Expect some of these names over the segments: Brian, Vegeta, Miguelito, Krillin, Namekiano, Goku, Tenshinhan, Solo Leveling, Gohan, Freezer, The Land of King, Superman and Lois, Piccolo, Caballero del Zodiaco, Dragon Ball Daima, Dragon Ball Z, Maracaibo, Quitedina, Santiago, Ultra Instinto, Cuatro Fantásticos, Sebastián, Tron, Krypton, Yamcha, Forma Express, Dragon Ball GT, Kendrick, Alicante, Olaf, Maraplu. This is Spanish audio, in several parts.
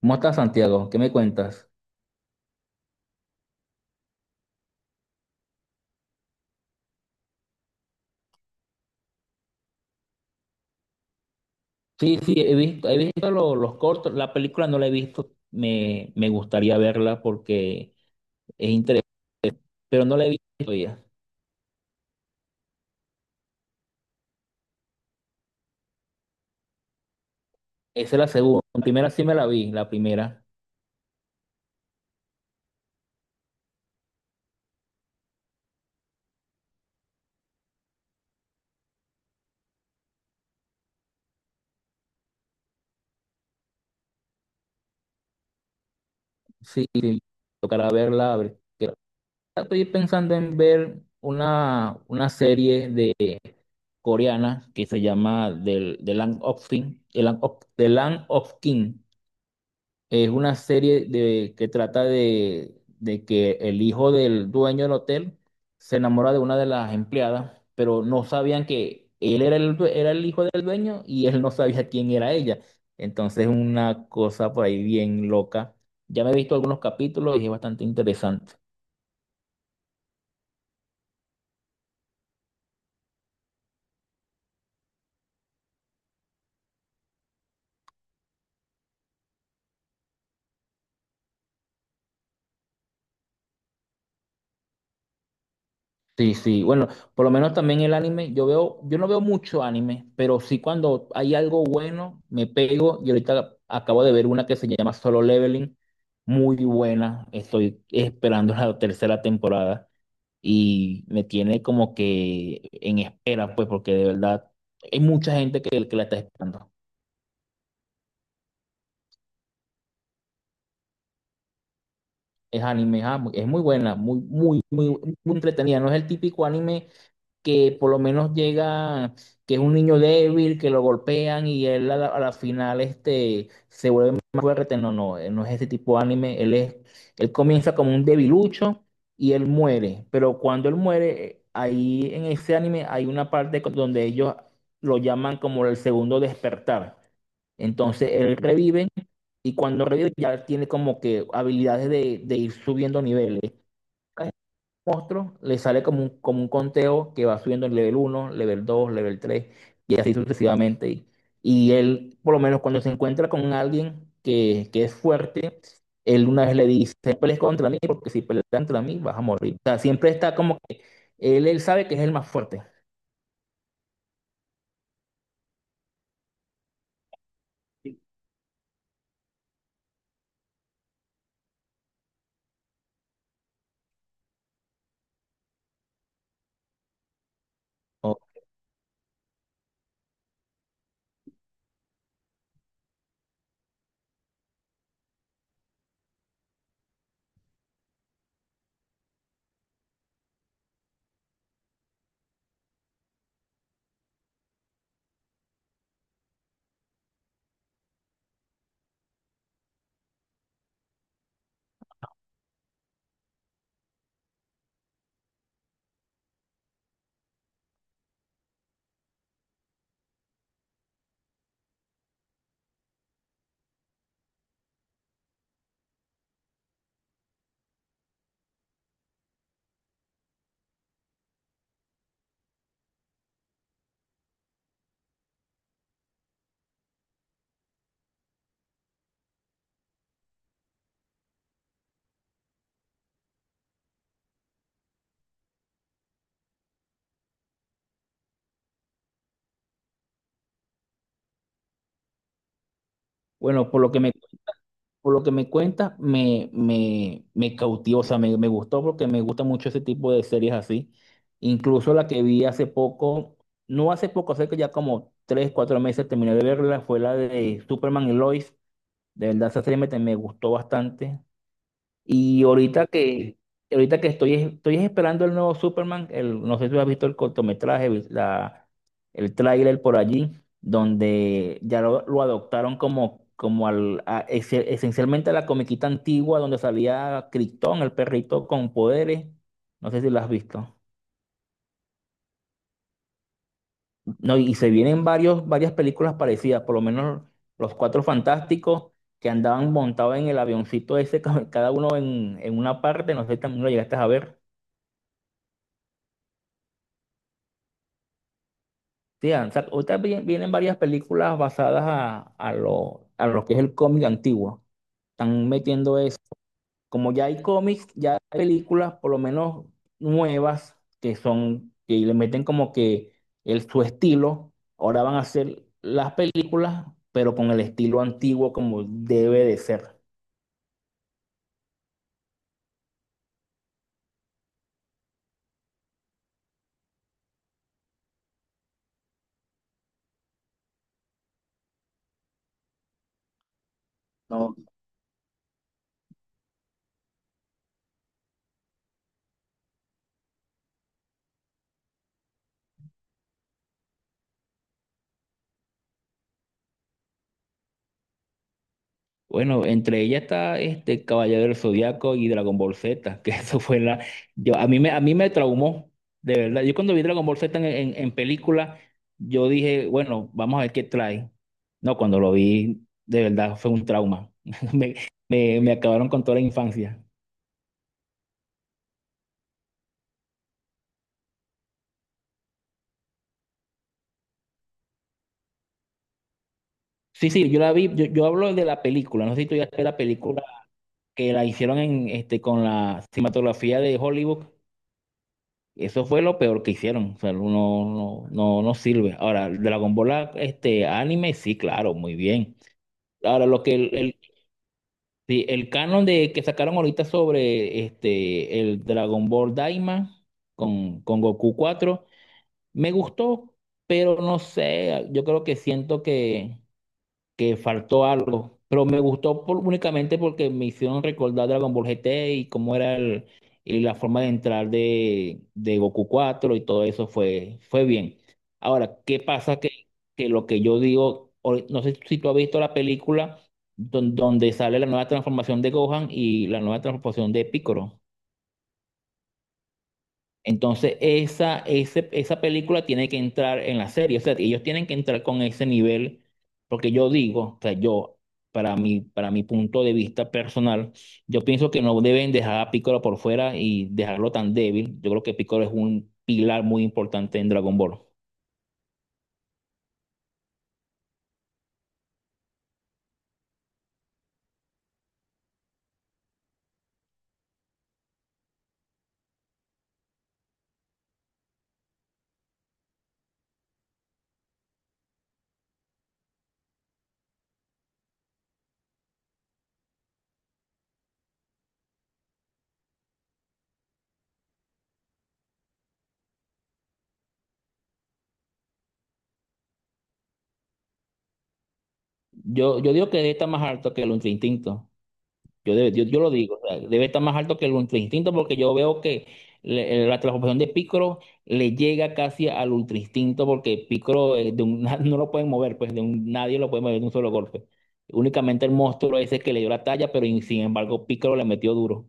¿Cómo estás, Santiago? ¿Qué me cuentas? Sí, sí, he visto los cortos. La película no la he visto. Me gustaría verla porque es interesante, pero no la he visto todavía. Esa es la segunda. La primera sí me la vi, la primera. Sí, sí, tocará verla. Estoy pensando en ver una serie de coreana que se llama The Land of King. Es una serie que trata de que el hijo del dueño del hotel se enamora de una de las empleadas, pero no sabían que él era era el hijo del dueño y él no sabía quién era ella. Entonces, una cosa por ahí bien loca. Ya me he visto algunos capítulos y es bastante interesante. Sí, sí, bueno, por lo menos también el anime, yo veo, yo no veo mucho anime, pero sí cuando hay algo bueno, me pego y ahorita acabo de ver una que se llama Solo Leveling, muy buena, estoy esperando la tercera temporada y me tiene como que en espera, pues porque de verdad hay mucha gente que la está esperando. Es anime, ah, es muy buena, muy, muy, muy, muy entretenida, no es el típico anime que por lo menos llega, que es un niño débil, que lo golpean y él a la final este, se vuelve más fuerte. No, no, él no es ese tipo de anime. Él comienza como un debilucho y él muere. Pero cuando él muere, ahí en ese anime hay una parte donde ellos lo llaman como el segundo despertar. Entonces él revive y cuando revive ya tiene como que habilidades de ir subiendo niveles monstruo, le sale como un conteo que va subiendo en level uno level 2 level 3 y así sucesivamente. Y él, por lo menos cuando se encuentra con alguien que es fuerte, él una vez le dice, "No pelees contra mí porque si peleas contra mí vas a morir. O sea, siempre está como, él sabe que es el más fuerte. Bueno, por lo que me, por lo que me cuentas, me cautivó, o sea, me gustó porque me gusta mucho ese tipo de series así. Incluso la que vi hace poco, no hace poco, hace que ya como tres, cuatro meses terminé de verla, fue la de Superman y Lois. De verdad, esa serie me gustó bastante. Y ahorita que, ahorita que estoy, estoy esperando el nuevo Superman, el, no sé si has visto el cortometraje, el tráiler por allí, donde ya lo adoptaron como, esencialmente a la comiquita antigua donde salía Krypton, el perrito con poderes. No sé si lo has visto. No, y se vienen varias películas parecidas, por lo menos los Cuatro Fantásticos que andaban montados en el avioncito ese, cada uno en una parte, no sé si también lo llegaste a ver. Sí, ahorita vienen varias películas basadas a lo que es el cómic antiguo. Están metiendo eso. Como ya hay cómics, ya hay películas, por lo menos nuevas, que son, que le meten como que su estilo. Ahora van a hacer las películas, pero con el estilo antiguo como debe de ser. Bueno, entre ellas está este Caballero del Zodiaco y Dragon Ball Z, que eso fue la... Yo, a mí me traumó, de verdad. Yo cuando vi Dragon Ball Z en película, yo dije, bueno, vamos a ver qué trae. No, cuando lo vi, de verdad fue un trauma. Me, me acabaron con toda la infancia. Sí, sí, yo la vi, yo hablo de la película, no sé si tú ya viste la película que la hicieron en, este, con la cinematografía de Hollywood. Eso fue lo peor que hicieron. O sea, no, no, no, no sirve. Ahora, Dragon Ball, ah, este anime, sí, claro, muy bien. Ahora, lo que el, sí, el canon de que sacaron ahorita sobre este el Dragon Ball Daima con Goku 4, me gustó, pero no sé, yo creo que siento que faltó algo, pero me gustó únicamente porque me hicieron recordar Dragon Ball GT y cómo era el, y la forma de entrar de Goku 4 y todo eso fue, fue bien. Ahora, ¿qué pasa? Que lo que yo digo, no sé si tú has visto la película donde sale la nueva transformación de Gohan y la nueva transformación de Piccolo. Entonces, esa película tiene que entrar en la serie. O sea, ellos tienen que entrar con ese nivel, porque yo digo, o sea, yo, para mi punto de vista personal, yo pienso que no deben dejar a Piccolo por fuera y dejarlo tan débil. Yo creo que Piccolo es un pilar muy importante en Dragon Ball. Yo digo que está más alto que el Ultra Instinto. Yo, yo lo digo, o sea, debe estar más alto que el ultra instinto porque yo veo que la transformación de Piccolo le llega casi al ultra instinto porque Piccolo no lo pueden mover, pues de un, nadie lo puede mover de un solo golpe. Únicamente el monstruo ese que le dio la talla, pero y sin embargo Piccolo le metió duro.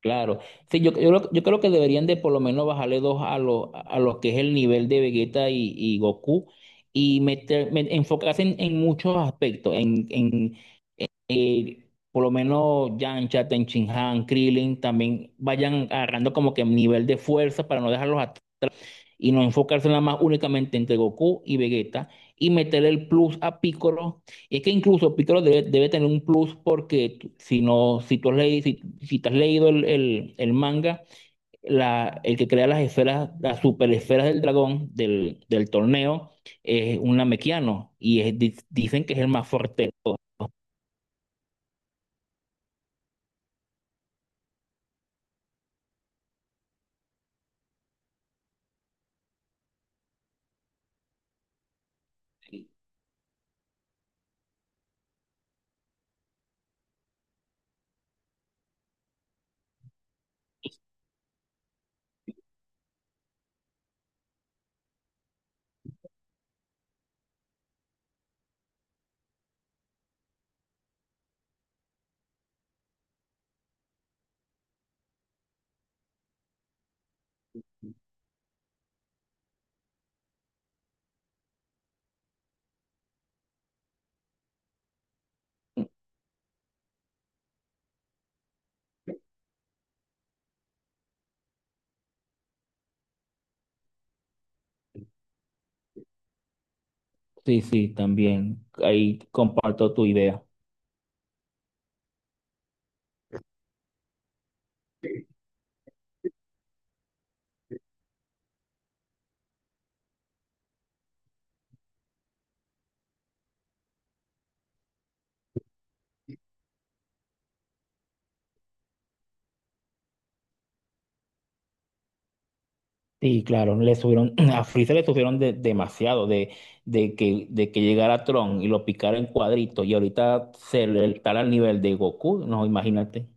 Claro. Sí, yo creo que deberían de por lo menos bajarle dos a los que es el nivel de Vegeta y Goku y enfocarse en muchos aspectos, eh, por lo menos Yamcha, Tenshinhan, Krillin también vayan agarrando como que nivel de fuerza para no dejarlos atrás y no enfocarse nada más únicamente entre Goku y Vegeta y meter el plus a Piccolo. Y es que incluso Piccolo debe tener un plus porque si no, si tú has leído, si te has leído el manga, el que crea las esferas, las super esferas del dragón del torneo es un Namekiano y dicen que es el más fuerte. De todos. Sí, sí, también. Ahí comparto tu idea. Sí, claro, le subieron, a Freezer le subieron demasiado de que llegara Tron y lo picara en cuadritos y ahorita se le está al nivel de Goku, no, imagínate.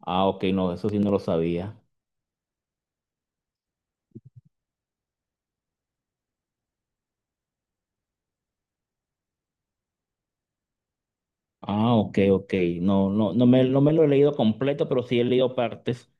Ah, ok, no, eso sí no lo sabía. Ah, ok, ok. No, no, no me lo he leído completo, pero sí he leído partes.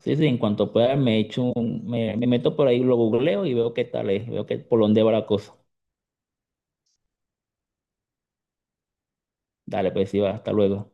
Sí, sí, en cuanto pueda me echo me meto por ahí, lo googleo y veo qué tal es, veo qué, por dónde va la cosa. Dale, pues sí, va, hasta luego.